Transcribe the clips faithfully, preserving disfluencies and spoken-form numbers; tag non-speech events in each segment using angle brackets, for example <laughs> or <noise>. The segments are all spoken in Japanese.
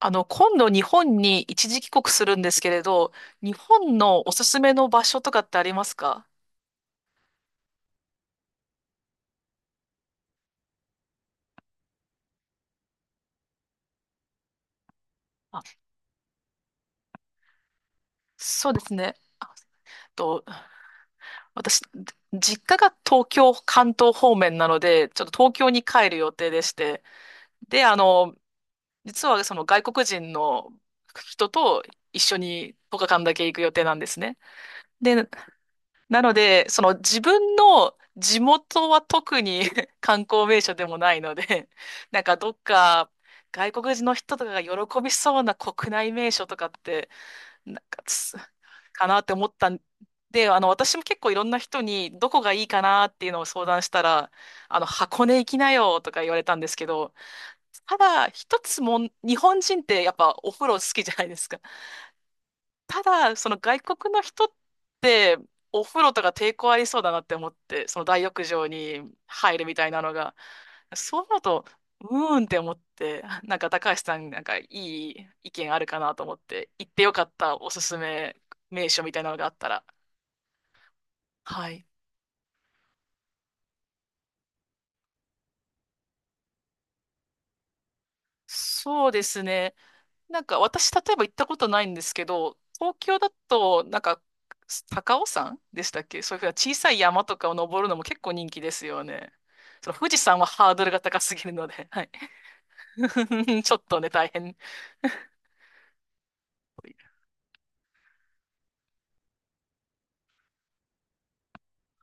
あの、今度日本に一時帰国するんですけれど、日本のおすすめの場所とかってありますか？あ、そうですね。あえっと、私、実家が東京、関東方面なので、ちょっと東京に帰る予定でして。で、あの、実はその外国人の人と一緒にいちにちかんだけ行く予定なんですね。で、なので、その自分の地元は特に <laughs> 観光名所でもないので、なんかどっか外国人の人とかが喜びそうな国内名所とかって、なんかつ、かなって思ったんで、あの、私も結構いろんな人にどこがいいかなっていうのを相談したら、あの、箱根行きなよとか言われたんですけど、ただ一つもん、日本人ってやっぱお風呂好きじゃないですか。ただ、その外国の人って、お風呂とか抵抗ありそうだなって思って、その大浴場に入るみたいなのが、そう思うと、うーんって思って、<laughs> なんか高橋さん、なんかいい意見あるかなと思って、行ってよかったおすすめ名所みたいなのがあったら。はい。そうですね。なんか私、例えば行ったことないんですけど、東京だと、なんか、高尾山でしたっけ？そういうふうな小さい山とかを登るのも結構人気ですよね。その富士山はハードルが高すぎるので、はい。<laughs> ちょっとね、大変。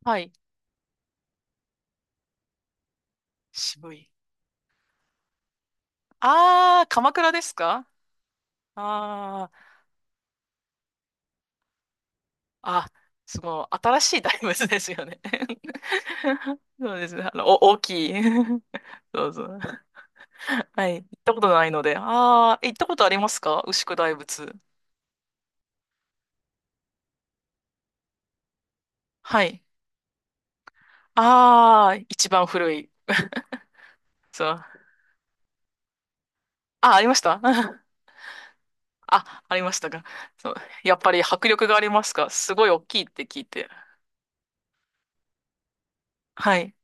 はい。渋い。あー、鎌倉ですか？あー、あ、すごい、新しい大仏ですよね。<laughs> そうですね。あの、お、大きい。<laughs> どうぞ。はい。行ったことないので。あー、行ったことありますか？牛久大仏。はい。ああ、一番古い。そう。あ、ありました。 <laughs> あ、ありましたか。そう。やっぱり迫力がありますか？すごい大きいって聞いて。はい。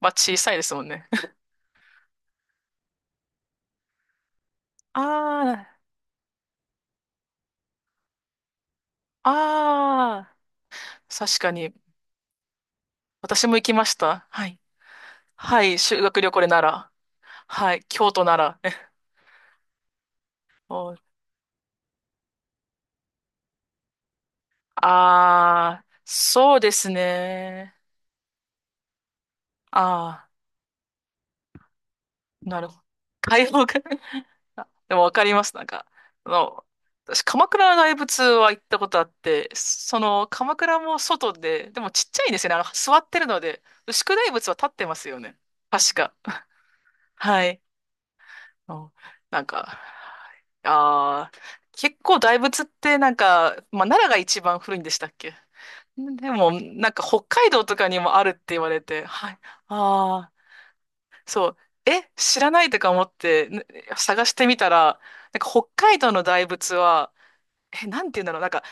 まあ、小さいですもんね。<laughs> ああ、ああ、確かに。私も行きました。はい。はい、修学旅行で奈良。はい、京都奈良。<laughs> お、ああ、そうですね。ああ、なるほど。開放感。 <laughs> あ、でもわかります。なんか、あの、私、鎌倉の大仏は行ったことあって、その、鎌倉も外で、でもちっちゃいんですよね。あの、座ってるので、牛久大仏は立ってますよね。確か。はい。うん、なんか、ああ、結構大仏ってなんか、まあ、奈良が一番古いんでしたっけ？でも、なんか北海道とかにもあるって言われて、はい。ああ。そう。え、知らないとか思って、ね、探してみたら、なんか北海道の大仏は、え、なんて言うんだろう、なんか、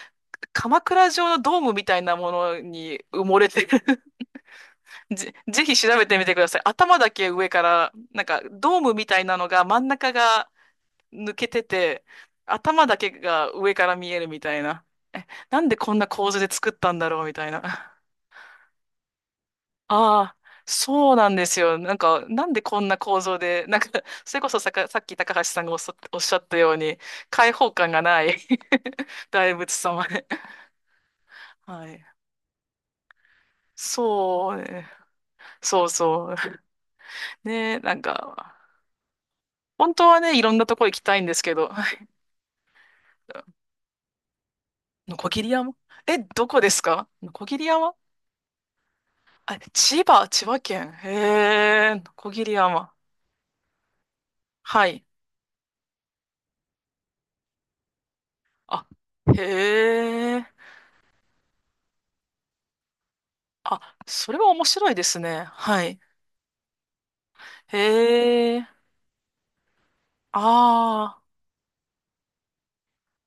鎌倉城のドームみたいなものに埋もれてる。<laughs> ぜ、ぜひ調べてみてください。頭だけ上から、なんか、ドームみたいなのが真ん中が抜けてて、頭だけが上から見えるみたいな。え、なんでこんな構図で作ったんだろうみたいな。ああ、そうなんですよ。なんか、なんでこんな構造で、なんか、<laughs> それこそさか、さっき高橋さんがおっしゃおっしゃったように、開放感がない。 <laughs> 大仏様で。はい。そうね、そうそう。ね、なんか、本当はね、いろんなとこ行きたいんですけど、<laughs> のこぎり山。え、どこですか？のこぎり山。あ、千葉、千葉県。へえ、のこぎり山。はい。あ、へえ。あ、それは面白いですね。はい。へえ、ああ、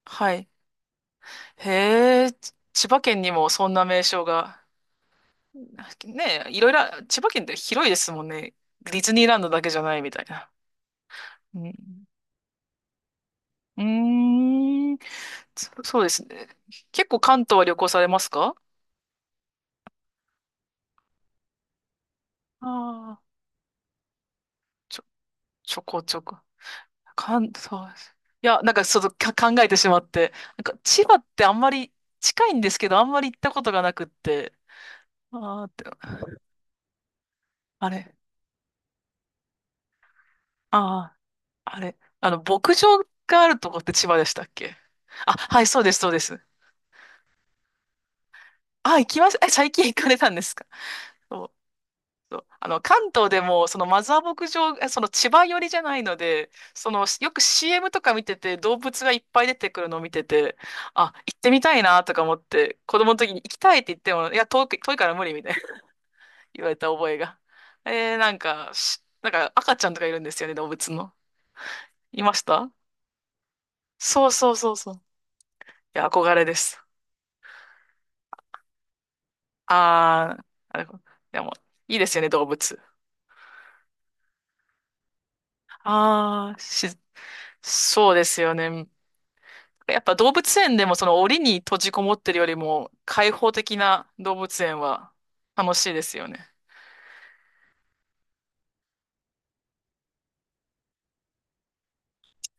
はい。へえ、ち千葉県にもそんな名称が、ねえ、いろいろ、千葉県って広いですもんね。ディズニーランドだけじゃないみたいな。うん、うーん、そそうですね。結構関東は旅行されますか？ああ、ちょ、ちょこちょこ。関東です。いや、なんかちょっとか考えてしまって。なんか千葉ってあんまり近いんですけど、あんまり行ったことがなくって。ああって、あれ。ああ。あれ、あの、牧場があるとこって千葉でしたっけ？あ、はい、そうです、そうです。あ、行きました。え、最近行かれたんですか？そう、そう。あの、関東でも、そのマザー牧場、え、その千葉寄りじゃないので、その、よく シーエム とか見てて、動物がいっぱい出てくるのを見てて、あ、行ってみたいなとか思って、子供の時に行きたいって言っても、いや、遠く、遠いから無理みたいな。 <laughs> 言われた覚えが。えー、なんか、しなんか赤ちゃんとかいるんですよね、動物の。いました？そうそうそうそう。いや、憧れです。ああ、なるほど。でも、いいですよね、動物。ああ、し、そうですよね。やっぱ動物園でもその檻に閉じこもってるよりも開放的な動物園は楽しいですよね。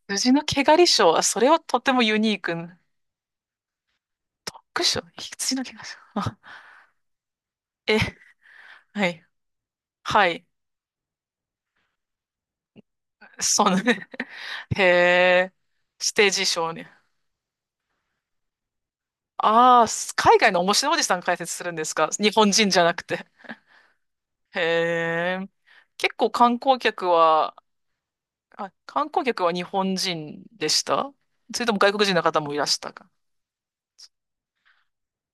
羊の毛刈りショーは、それはとてもユニーク。クッション羊の毛刈りショー。<laughs> あ、え、はい。はい。そうね。<laughs> へえ、ステージショーね。ああ、海外の面白いおじさん解説するんですか？日本人じゃなくて。へえ。結構観光客は、あ、観光客は日本人でした？それとも外国人の方もいらしたか？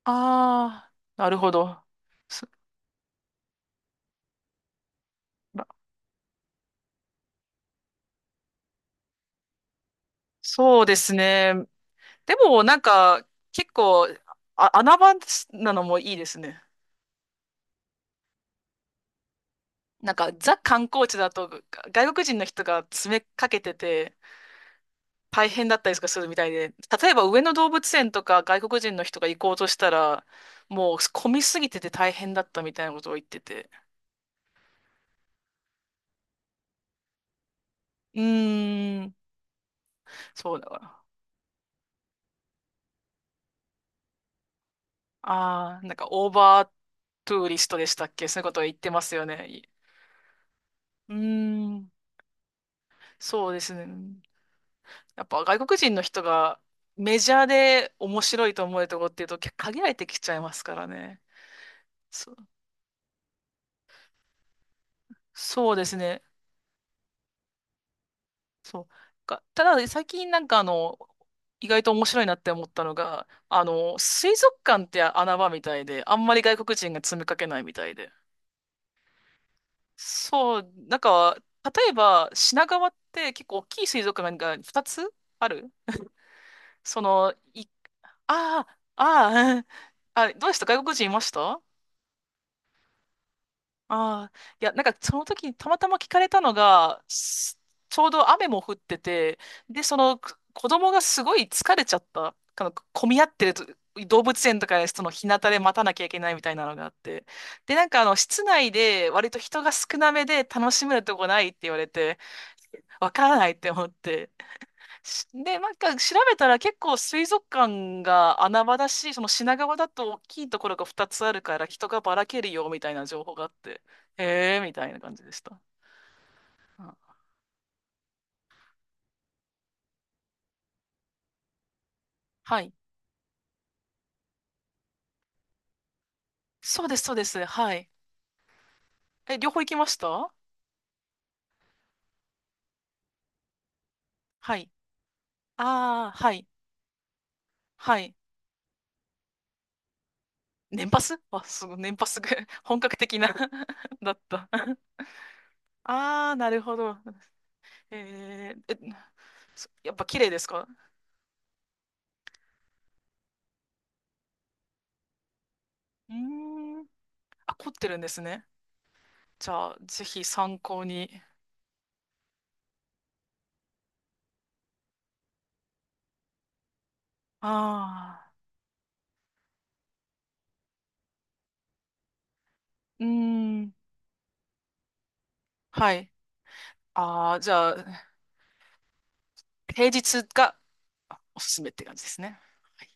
ああー、なるほど。そ、ま、そうですね。でもなんか結構あ、穴場なのもいいですね。なんかザ観光地だと外国人の人が詰めかけてて、大変だったりとかするみたいで、例えば上野動物園とか外国人の人が行こうとしたら、もう混みすぎてて大変だったみたいなことを言ってて。うーん、そうだな。ああ、なんかオーバートゥーリストでしたっけ？そういうことを言ってますよね。うーん、そうですね。やっぱ外国人の人がメジャーで面白いと思えるところっていうと限られてきちゃいますからね。そ、そうですね。そう。か、ただ、最近なんかあの、意外と面白いなって思ったのが、あの、水族館って穴場みたいで、あんまり外国人が詰めかけないみたいで。そう、なんか、例えば品川って結構大きい水族館がふたつある、その、い、ああ、ああ、<laughs> あ、どうでした？外国人いました？ああ、いや、なんかその時にたまたま聞かれたのが、す、ちょうど雨も降ってて、で、そのく子供がすごい疲れちゃった。あの、混み合ってると動物園とかでその日向で待たなきゃいけないみたいなのがあって。で、なんかあの、室内で割と人が少なめで楽しめるとこないって言われて、わからないって思って。で、なんか調べたら結構水族館が穴場だし、その品川だと大きいところがふたつあるから人がばらけるよみたいな情報があって、へえーみたいな感じでした。うん、はい。そうです、そうです。はい。え、両方行きました？はい。ああ、はい。はい。年パス、あ、すごい、年パスが。 <laughs> 本格的な。 <laughs> だった。<laughs> ああ、なるほど。えー、え、そ、やっぱ綺麗ですか？うーん。あ、凝ってるんですね。じゃあ、ぜひ参考に。ああ、うーん、はい。ああ、じゃあ、平日がおすすめって感じですね。はい